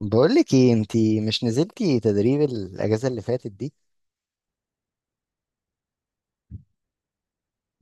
بقولك ايه انتي مش نزلتي تدريب الاجازه اللي فاتت دي؟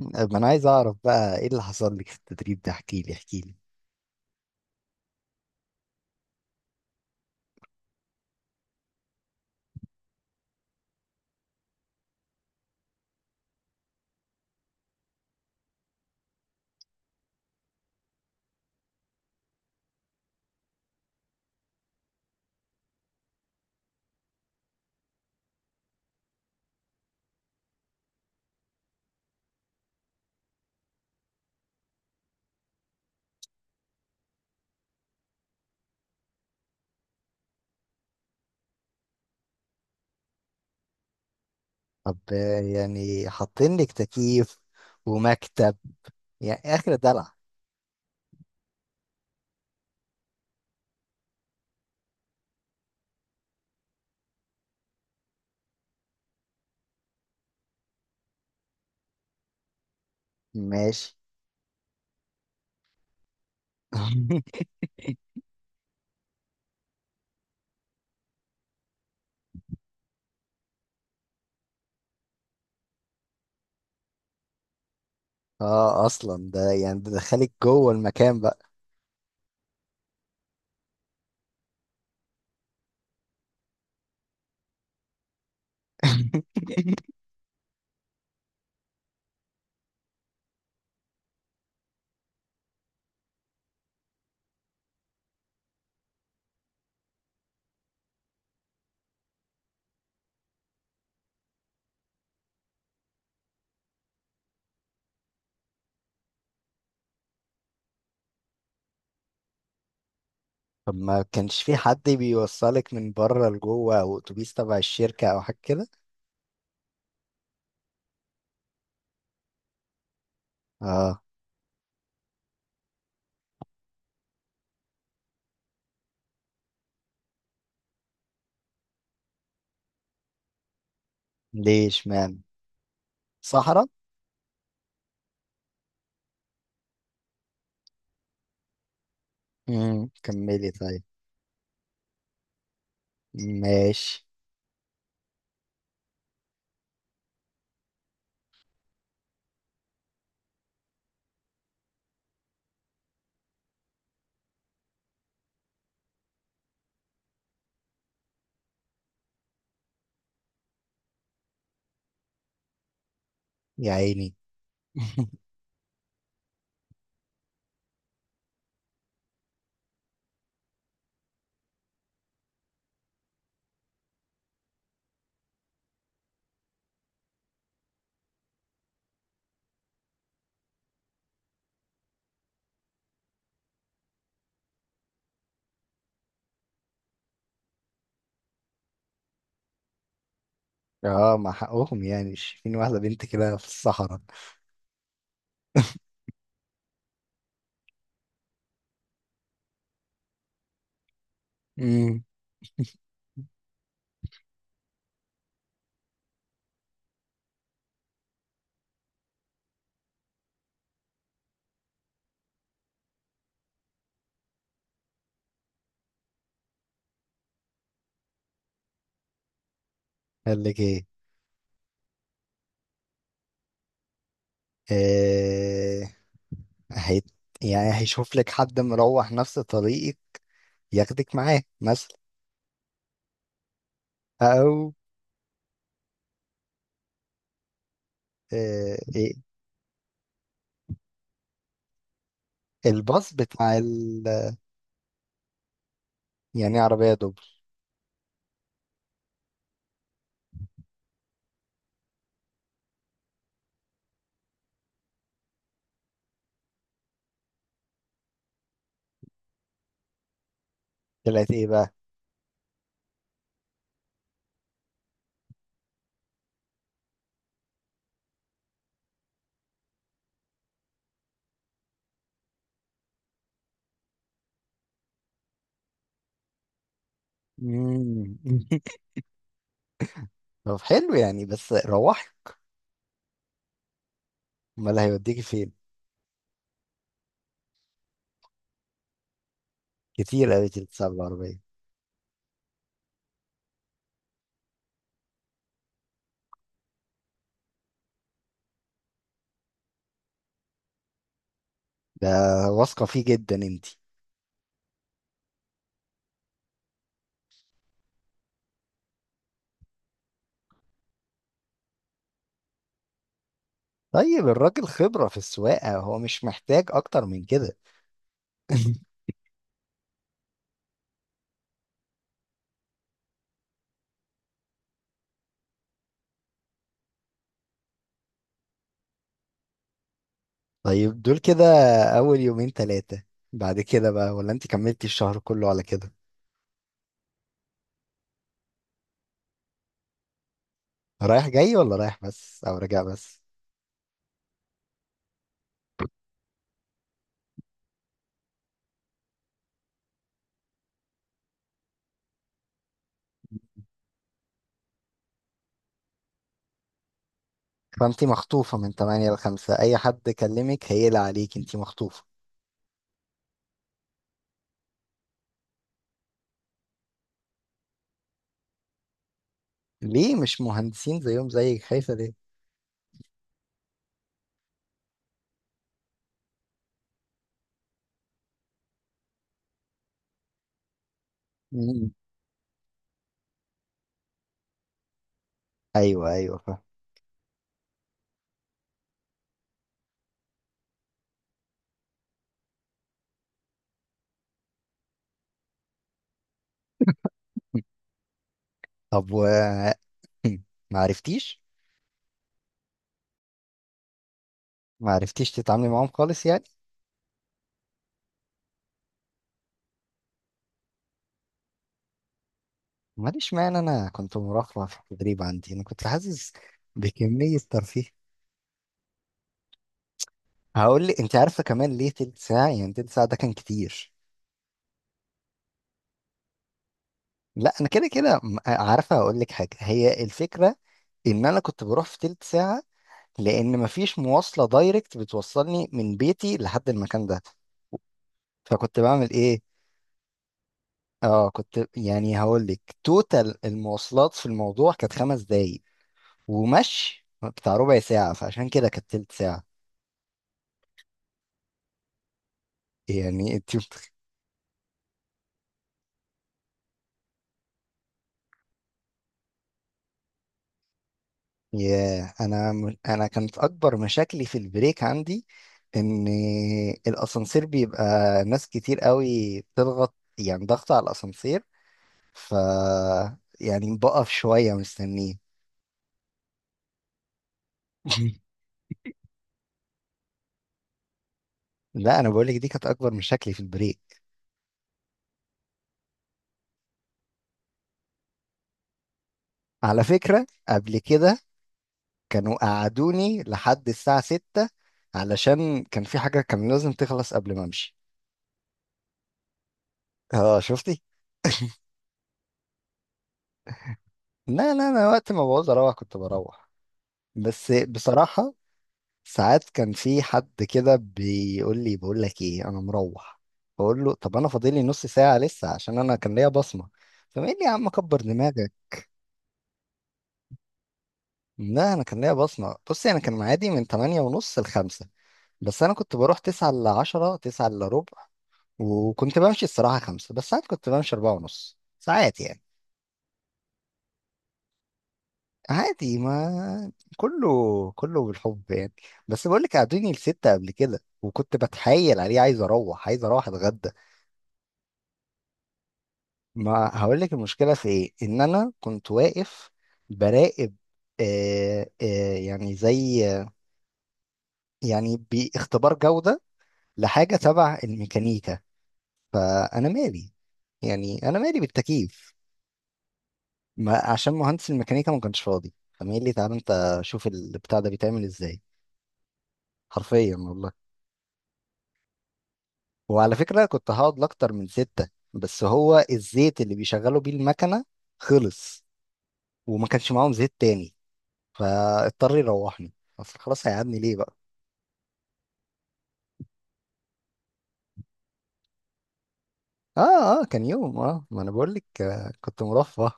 ما انا عايز اعرف بقى ايه اللي حصل لك في التدريب ده، احكيلي احكيلي. طب يعني حاطين لك تكييف ومكتب، يعني اخر دلع. ماشي. اه، اصلا ده يعني ده دخلك جوه المكان بقى. طب ما كانش في حد بيوصلك من بره لجوه او اتوبيس تبع الشركه او حاجه كده؟ اه. ليش مان. صحراء. كملي طيب. ماشي. يا عيني. اه، مع حقهم يعني، مش شايفين واحدة بنت كده في الصحراء. امم قال لك ايه؟ آه هي، يعني هيشوف لك حد مروح نفس طريقك ياخدك معاه مثلا؟ او إيه، الباص بتاع يعني عربية دوبل؟ طلعت ايه بقى؟ مم. طب حلو، يعني بس روحي. امال هيوديكي فين؟ كتير قوي تلتسع بالعربية. ده واثقة فيه جدا انتي؟ طيب الراجل خبرة في السواقة، هو مش محتاج اكتر من كده. طيب دول كده اول يومين ثلاثة، بعد كده بقى؟ ولا انت كملتي الشهر كله على كده؟ رايح جاي ولا رايح بس او راجع بس؟ فانت مخطوفة من 8 ل 5، اي حد كلمك هيقلق عليك، انت مخطوفة. ليه مش مهندسين زيهم زيك، خايفة ليه؟ مم. ايوه ايوه فاهم. طب و ما عرفتيش. ما عرفتيش تتعاملي معاهم خالص يعني؟ ماليش معنى، انا كنت مرافقة في التدريب عندي، انا كنت حاسس بكمية ترفيه. هقول لي انت عارفه كمان ليه تلت ساعه؟ يعني تلت ساعه ده كان كتير. لا انا كده كده عارفه، هقول لك حاجه. هي الفكره ان انا كنت بروح في تلت ساعه لان مفيش مواصله دايركت بتوصلني من بيتي لحد المكان ده. فكنت بعمل ايه؟ اه، كنت يعني هقول لك، توتال المواصلات في الموضوع كانت خمس دقايق ومشي بتاع ربع ساعه، فعشان كده كانت تلت ساعه. يعني انت، ياه. انا انا كانت اكبر مشاكلي في البريك عندي، ان الاسانسير بيبقى ناس كتير قوي بتضغط، يعني ضغط على الاسانسير، ف يعني بقف شويه مستنيه. لا انا بقول لك، دي كانت اكبر مشاكلي في البريك. على فكره قبل كده كانوا قعدوني لحد الساعه 6 علشان كان في حاجه كان لازم تخلص قبل ما امشي. اه شفتي؟ لا لا، انا وقت ما بعوز اروح كنت بروح. بس بصراحه ساعات كان في حد كده بيقول لي، بقول لك ايه انا مروح، بقول له طب انا فاضل لي نص ساعه لسه عشان انا كان ليا بصمه، فقال لي يا عم كبر دماغك. لا انا كان ليا بصمه. بصي، انا كان معادي من 8 ونص ل 5، بس انا كنت بروح 9 ل 10، 9 الا ربع، وكنت بمشي الصراحه 5، بس ساعات كنت بمشي 4 ونص ساعات يعني. عادي، ما كله كله بالحب يعني. بس بقول لك قعدوني لستة قبل كده وكنت بتحايل عليه عايز اروح، عايز اروح اتغدى. ما هقول لك المشكله في ايه، ان انا كنت واقف براقب. آه آه يعني زي يعني باختبار جوده لحاجه تبع الميكانيكا، فانا مالي يعني، انا مالي بالتكييف. ما عشان مهندس الميكانيكا ما كانش فاضي، فمين لي، تعالى انت شوف البتاع ده بيتعمل ازاي، حرفيا والله. وعلى فكره كنت هقعد لاكتر من سته، بس هو الزيت اللي بيشغلوا بيه المكنه خلص وما كانش معاهم زيت تاني، فاضطر يروحني. اصل خلاص هيقعدني ليه بقى؟ اه اه كان يوم، اه ما انا بقول لك كنت مرفه اه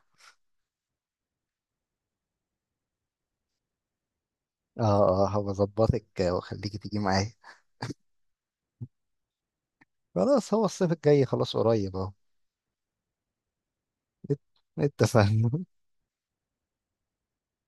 اه هبقى اظبطك واخليكي تيجي معايا. خلاص هو الصيف الجاي خلاص قريب اهو. ات- اتفقنا.